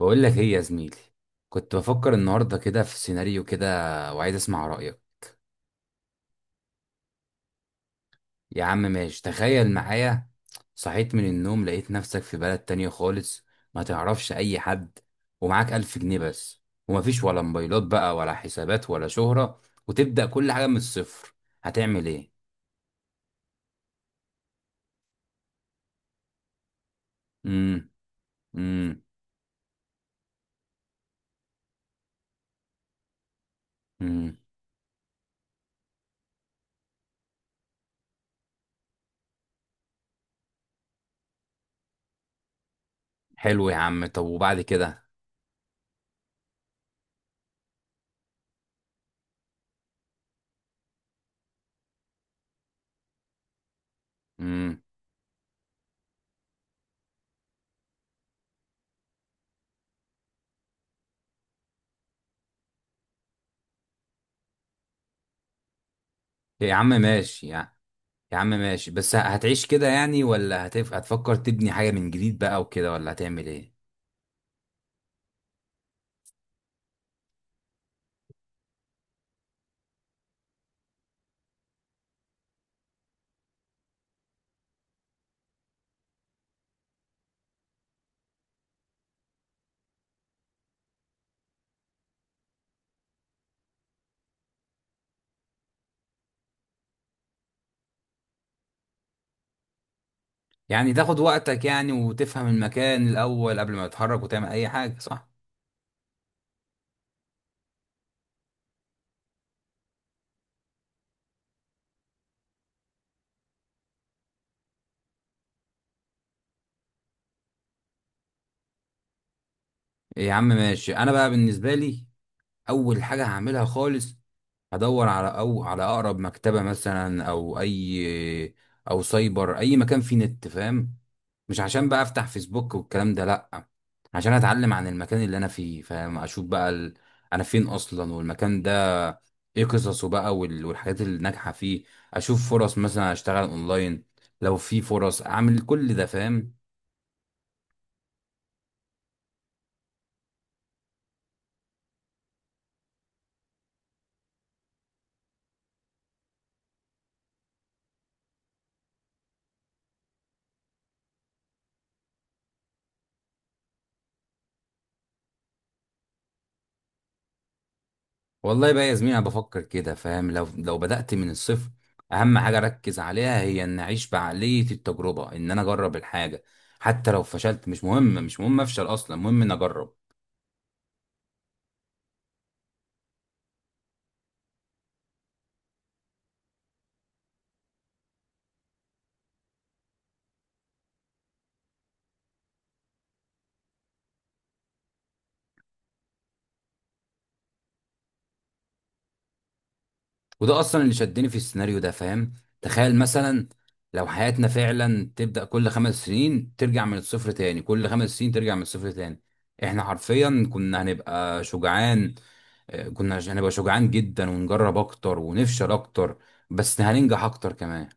بقول لك ايه يا زميلي، كنت بفكر النهارده كده في سيناريو كده وعايز اسمع رأيك. يا عم ماشي، تخيل معايا. صحيت من النوم لقيت نفسك في بلد تانية خالص، ما تعرفش اي حد، ومعاك 1000 جنيه بس، ومفيش ولا موبايلات بقى ولا حسابات ولا شهرة، وتبدأ كل حاجة من الصفر. هتعمل ايه؟ امم. امم. امم. حلو يا عم، طب وبعد كده؟ امم. يا عم ماشي يعني. يا عم ماشي، بس هتعيش كده يعني، ولا هتفكر تبني حاجة من جديد بقى وكده، ولا هتعمل ايه؟ يعني تاخد وقتك يعني وتفهم المكان الأول قبل ما تتحرك وتعمل أي حاجة، صح؟ يا عم ماشي. أنا بقى بالنسبة لي، أول حاجة هعملها خالص، هدور على أو على أقرب مكتبة مثلا، أو أي، أو سايبر، أي مكان فيه نت فاهم. مش عشان بقى أفتح فيسبوك والكلام ده، لأ. عشان أتعلم عن المكان اللي أنا فيه فاهم، أشوف بقى أنا فين أصلا، والمكان ده ايه قصصه بقى والحاجات اللي ناجحه فيه. اشوف فرص مثلا اشتغل اونلاين، لو في فرص اعمل كل ده فاهم. والله بقى يا زميلي، انا بفكر كده فاهم، لو بدات من الصفر، اهم حاجه اركز عليها هي ان اعيش بعقليه التجربه، ان انا اجرب الحاجه. حتى لو فشلت مش مهم، مش مهم افشل، اصلا المهم ان اجرب. وده اصلا اللي شدني في السيناريو ده فاهم. تخيل مثلا لو حياتنا فعلا تبدأ كل 5 سنين ترجع من الصفر تاني، كل 5 سنين ترجع من الصفر تاني، احنا حرفيا كنا هنبقى شجعان. آه، كنا هنبقى شجعان جدا ونجرب اكتر ونفشل اكتر، بس هننجح اكتر كمان.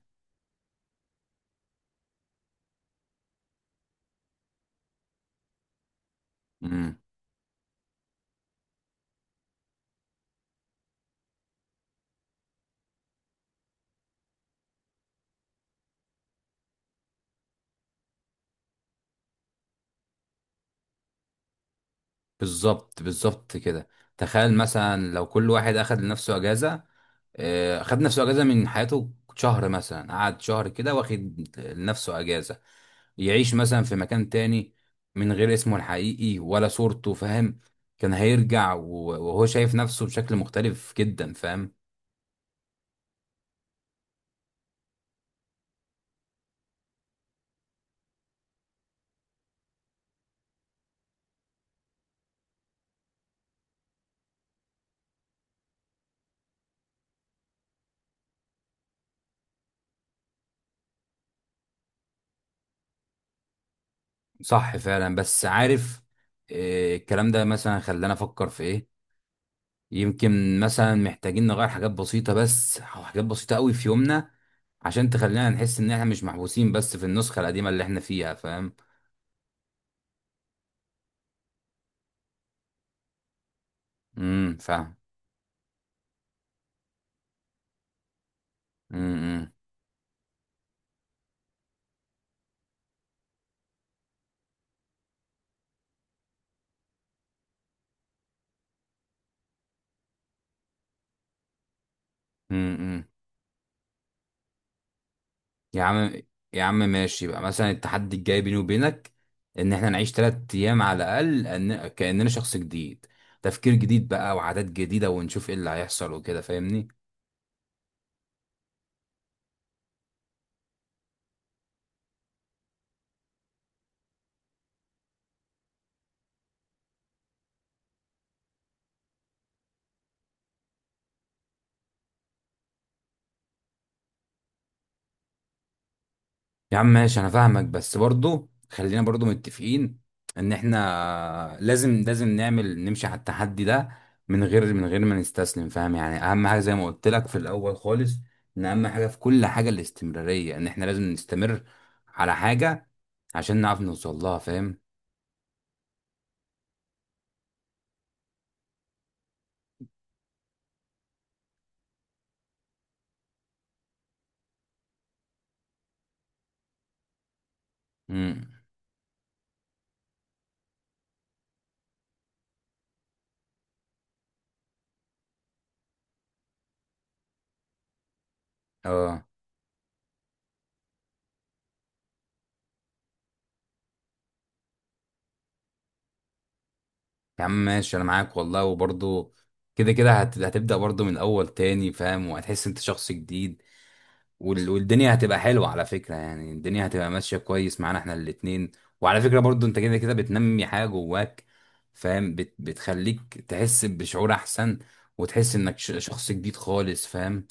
امم. بالظبط بالظبط كده. تخيل مثلا لو كل واحد اخد لنفسه اجازة، آه، اخد نفسه اجازة من حياته، شهر مثلا، قعد شهر كده واخد لنفسه اجازة، يعيش مثلا في مكان تاني من غير اسمه الحقيقي ولا صورته فاهم. كان هيرجع وهو شايف نفسه بشكل مختلف جدا فاهم. صح فعلا، بس عارف، آه، الكلام ده مثلا خلانا افكر في ايه. يمكن مثلا محتاجين نغير حاجات بسيطة بس، أو حاجات بسيطة قوي في يومنا، عشان تخلينا نحس ان احنا مش محبوسين بس في النسخة القديمة اللي احنا فيها فاهم. فاهم. امم. امم، امم. يا عم. يا عم ماشي بقى، مثلا التحدي الجاي بيني وبينك ان احنا نعيش 3 ايام على الاقل، كاننا شخص جديد، تفكير جديد بقى وعادات جديده، ونشوف ايه اللي هيحصل وكده فاهمني. يا عم ماشي، انا فاهمك، بس برضو خلينا برضو متفقين ان احنا لازم نعمل نمشي على التحدي ده، من غير ما نستسلم فاهم يعني. اهم حاجه زي ما قلت لك في الاول خالص، ان اهم حاجه في كل حاجه الاستمراريه، ان احنا لازم نستمر على حاجه عشان نعرف نوصل لها فاهم. امم. اه. يا عم ماشي، انا معاك والله. وبرضه كده كده هتبدأ برضه من الاول تاني فاهم، وهتحس انت شخص جديد، والدنيا هتبقى حلوة على فكرة. يعني الدنيا هتبقى ماشية كويس معانا احنا الاتنين. وعلى فكرة برضه، انت كده كده بتنمي حاجة جواك فاهم، بتخليك تحس بشعور احسن، وتحس انك شخص جديد خالص فاهم.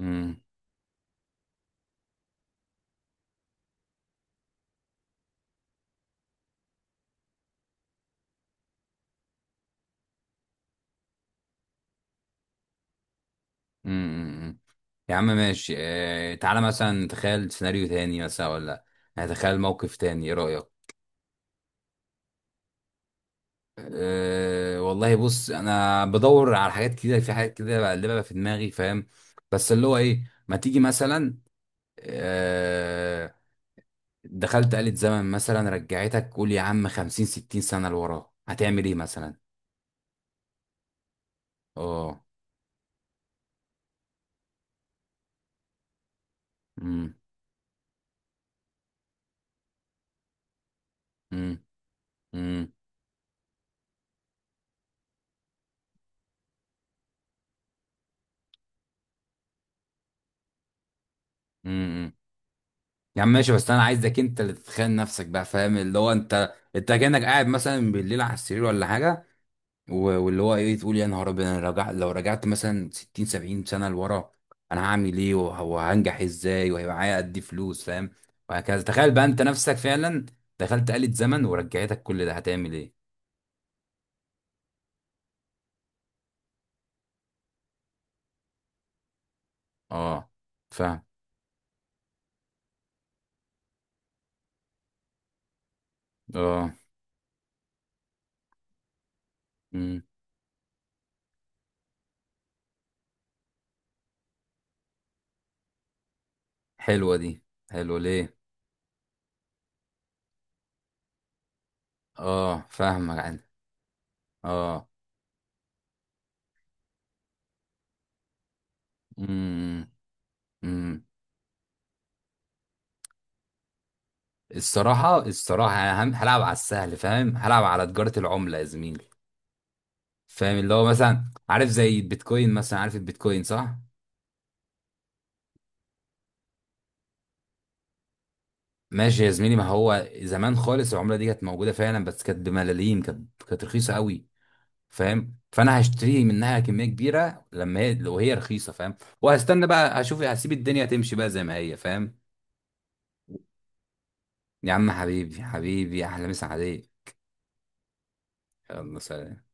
امم. امم. يا عم ماشي، تعالى مثلا تخيل سيناريو تاني مثلا، ولا هتخيل موقف تاني، ايه رأيك؟ أه والله، بص انا بدور على حاجات كده، في حاجات كده بقلبها في دماغي فاهم، بس اللي هو ايه، ما تيجي مثلا. أه، دخلت آلة زمن مثلا رجعتك، قول يا عم 50 60 سنة لورا، هتعمل ايه مثلا؟ اه. امم. امم. امم. امم. يا عم ماشي، بس انا عايزك انت اللي تتخيل نفسك بقى فاهم، اللي هو انت كأنك قاعد مثلا بالليل على السرير ولا حاجة، واللي هو ايه، تقول يا نهار ابيض، انا رجع. لو رجعت مثلا 60 70 سنه لورا، انا هعمل ايه وهنجح ازاي، وهيبقى معايا قد ايه فلوس فاهم، وهكذا. تخيل بقى انت نفسك فعلا دخلت آلة زمن ورجعتك، كل ده هتعمل ايه؟ اه فاهم. اه. امم. حلوه دي. حلوه ليه؟ اه، فاهمك. عن اه امم. امم. الصراحه الصراحه، انا هلعب على السهل فاهم، هلعب على تجاره العمله يا زميلي. فاهم اللي هو مثلا، عارف زي البيتكوين مثلا، عارف البيتكوين صح؟ ماشي يا زميلي. ما هو زمان خالص العمله دي كانت موجوده فعلا، بس كانت بملاليم، كانت رخيصه قوي فاهم. فانا هشتري منها كميه كبيره لما هي، لو هي رخيصه فاهم. وهستنى بقى هشوف، هسيب الدنيا تمشي بقى زي ما هي فاهم. يا عم حبيبي، حبيبي، احلى مسا عليك. يلا سلام.